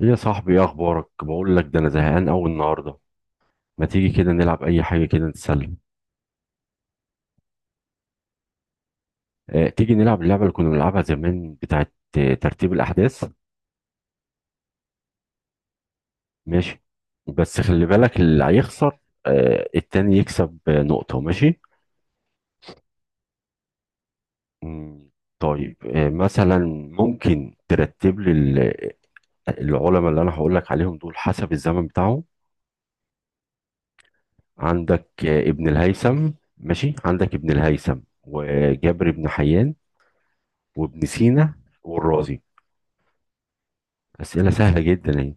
ايه يا صاحبي، ايه اخبارك؟ بقول لك ده، انا زهقان قوي النهارده. ما تيجي كده نلعب اي حاجه كده نتسلى؟ اه، تيجي نلعب اللعبه اللي كنا بنلعبها زمان، بتاعه ترتيب الاحداث. ماشي، بس خلي بالك اللي هيخسر، اه التاني يكسب نقطه. ماشي. مم. طيب مثلا ممكن ترتب لي العلماء اللي انا هقول لك عليهم دول حسب الزمن بتاعهم. عندك ابن الهيثم. ماشي، عندك ابن الهيثم وجابر بن حيان وابن سينا والرازي. اسئله سهله جدا يعني.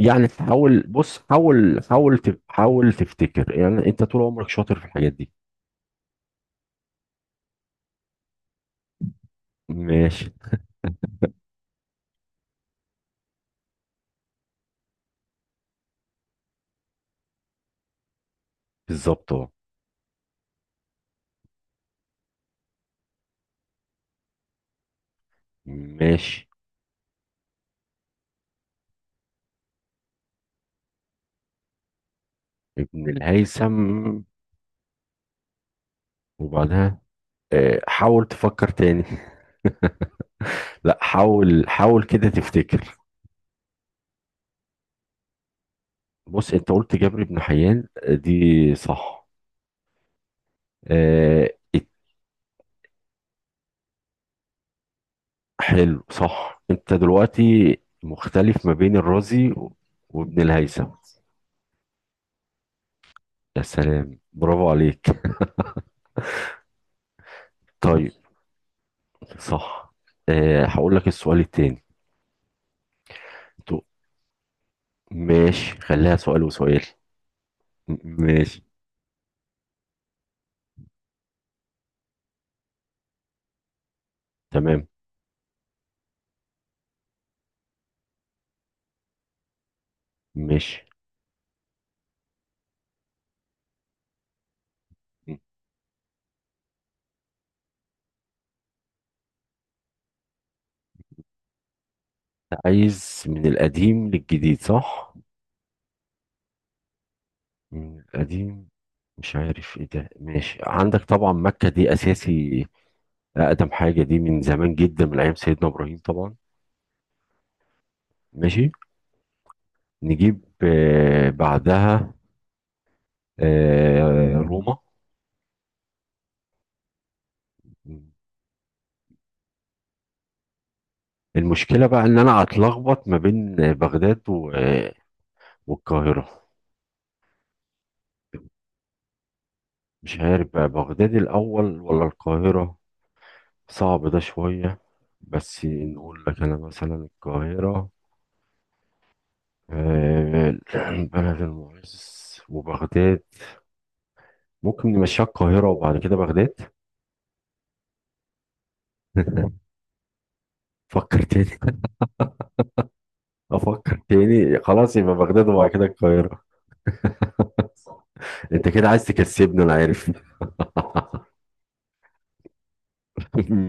يعني تحاول، بص حاول تفتكر، يعني انت طول عمرك شاطر في الحاجات دي. ماشي. بالظبط اهو. ماشي، ابن الهيثم، وبعدها حاول تفكر تاني. لا، حاول حاول كده تفتكر. بص، انت قلت جابر بن حيان دي صح. آه. ات- حلو، صح، انت دلوقتي مختلف ما بين الرازي وابن الهيثم. يا سلام، برافو عليك. طيب، صح، أه هقول لك السؤال التاني. تو- ماشي، خليها سؤال وسؤال. م- ماشي. تمام. ماشي. أنت عايز من القديم للجديد، صح؟ من القديم، مش عارف ايه ده. ماشي، عندك طبعا مكة دي اساسي، اقدم حاجة دي، من زمان جدا، من ايام سيدنا ابراهيم طبعا. ماشي، نجيب بعدها، روما. المشكلة بقى ان انا هتلخبط ما بين بغداد والقاهرة. مش عارف بقى بغداد الأول ولا القاهرة. صعب ده شوية، بس نقول لك أنا مثلا القاهرة، آه، بلد المعز، وبغداد. ممكن نمشيها القاهرة وبعد كده بغداد. فكر تاني. أفكر تاني. خلاص، يبقى بغداد وبعد كده القاهرة. أنت كده عايز تكسبني، أنا عارف.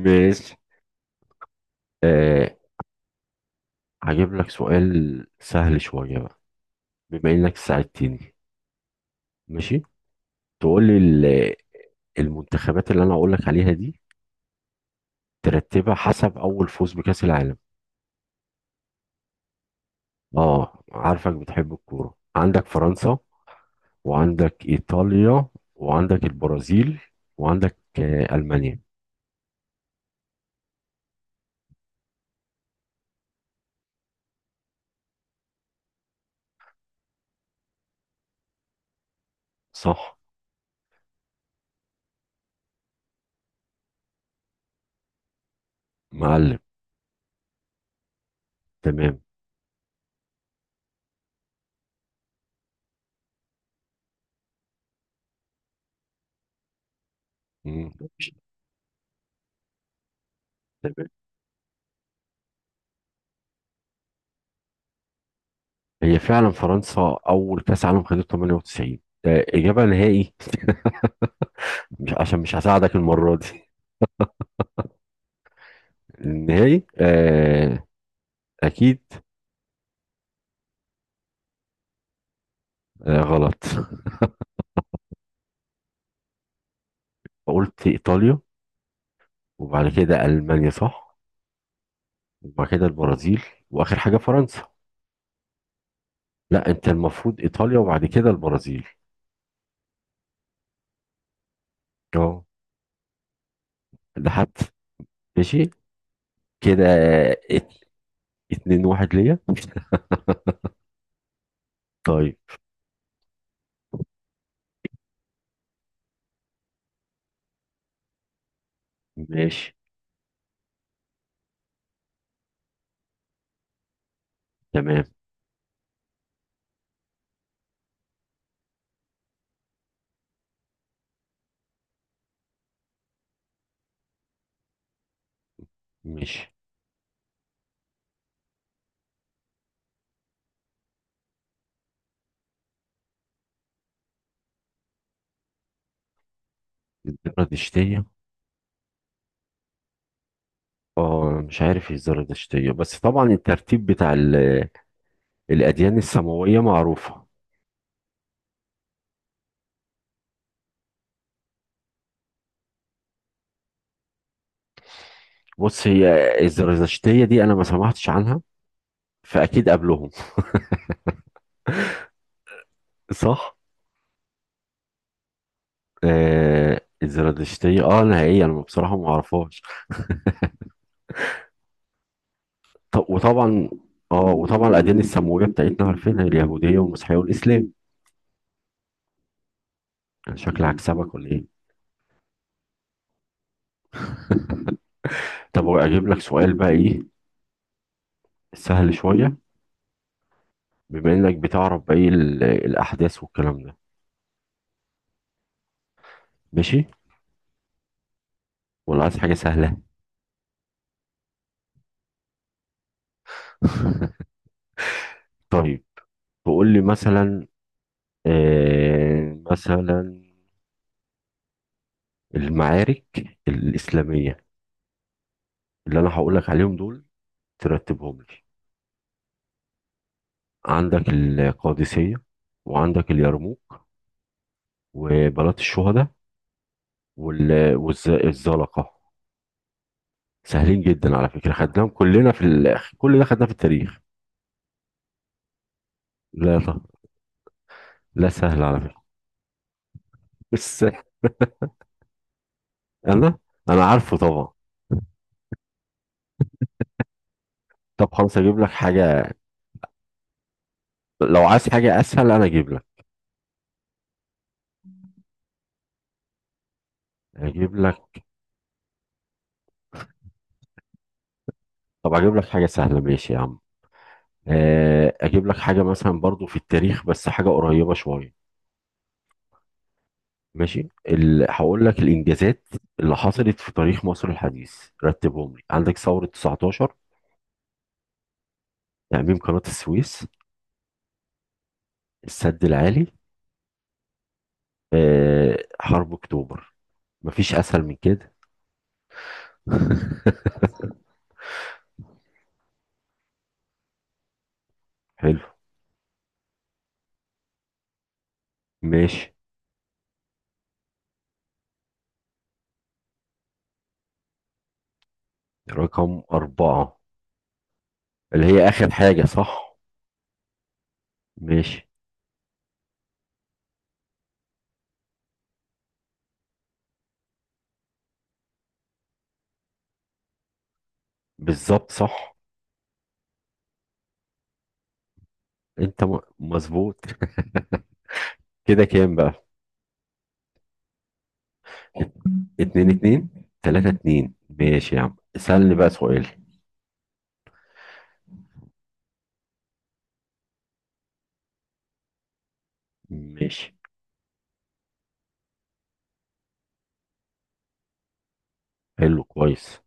ماشي. آه، هجيب لك سؤال سهل شوية بقى، بما إنك ساعدتني. ماشي. تقول لي المنتخبات اللي انا اقول لك عليها دي، ترتبها حسب اول فوز بكأس العالم. اه، عارفك بتحب الكورة. عندك فرنسا، وعندك ايطاليا، وعندك البرازيل، وعندك المانيا. صح. معلم. تمام. مم. ماشي. تمام. هي فعلا فرنسا اول كأس عالم خدته 98. إجابة نهائي. مش عشان مش هساعدك المرة دي. النهائي، آه. أكيد. آه، غلط. قلت إيطاليا، وبعد كده ألمانيا، صح، وبعد كده البرازيل، واخر حاجه فرنسا. لا، انت المفروض ايطاليا وبعد كده البرازيل. اه، ده حتى. ماشي كده. ات- اتنين واحد ليا. طيب. ماشي. تمام. ماشي. الزرادشتية. اه، مش عارف ايه الزرادشتية، بس طبعا الترتيب بتاع الأديان السماوية معروفة. بص، هي الزرادشتية دي أنا ما سمعتش عنها، فأكيد قبلهم. صح؟ آه الزرادشتية، نهائيا أنا بصراحة ما أعرفهاش. ط- وطبعا اه وطبعا الاديان السماويه بتاعتنا عارفينها، اليهوديه والمسيحيه والاسلام. يعني شكلي عكسبك ولا ايه؟ طب اجيب لك سؤال بقى ايه، سهل شويه، بما انك بتعرف بقى ايه الاحداث والكلام ده. ماشي، ولا عايز حاجه سهله؟ طيب، تقول لي مثلا، آه مثلا المعارك الاسلاميه اللي انا هقول لك عليهم دول، ترتبهم لي. عندك القادسيه، وعندك اليرموك، وبلاط الشهداء، والزلقة. سهلين جدا على فكرة، خدناهم كلنا في الآخر، كل ده خدناه في التاريخ. لا طب، لا، سهل على فكرة، بس أنا أنا عارفه طبعا. طب خلاص أجيب لك حاجة. لو عايز حاجة أسهل أنا أجيب لك. أجيب لك. طب أجيب لك حاجة سهلة، ماشي يا عم. أجيب لك حاجة مثلا برضو في التاريخ، بس حاجة قريبة شوية. ماشي. هقول لك الإنجازات اللي حصلت في تاريخ مصر الحديث، رتبهم لي. عندك ثورة 19، تأميم قناة السويس، السد العالي، حرب اكتوبر. مفيش اسهل من كده. حلو. ماشي. رقم أربعة، اللي هي آخر حاجة، صح. ماشي. بالظبط، صح. أنت مظبوط. كده كام بقى؟ ات- اتنين اتنين. تلاتة اتنين، ماشي يا عم اسألني بقى سؤال. ماشي. حلو، كويس.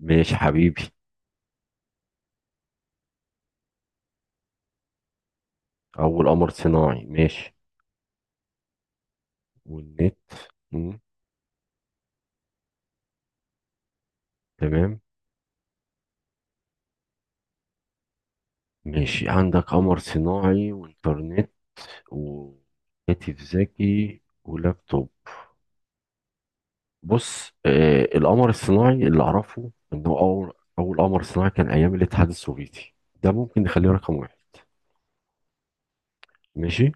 ماشي حبيبي. أول قمر صناعي، ماشي. والنت. مم. تمام. ماشي، عندك قمر صناعي وإنترنت وهاتف ذكي ولابتوب. بص، آه القمر الصناعي اللي اعرفه ان هو اول قمر صناعي كان ايام الاتحاد السوفيتي. ده ممكن نخليه رقم واحد. ماشي.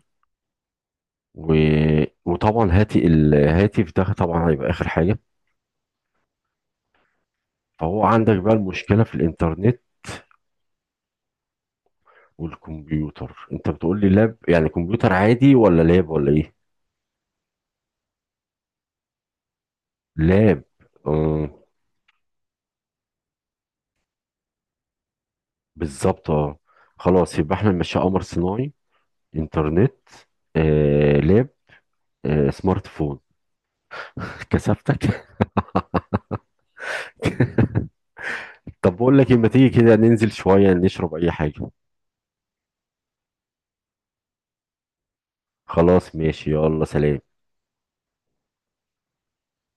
و... وطبعا هاتي الهاتف، ده طبعا هيبقى اخر حاجه. فهو عندك بقى المشكله في الانترنت والكمبيوتر، انت بتقول لي لاب يعني كمبيوتر عادي، ولا لاب ولا ايه؟ لاب. آه، بالظبط. اه، خلاص، يبقى احنا ماشي قمر صناعي، انترنت، آه لاب، سمارت فون. كسفتك. طب بقول لك إيه، ما تيجي كده ننزل شوية نشرب أي حاجة؟ خلاص، ماشي، يلا سلام.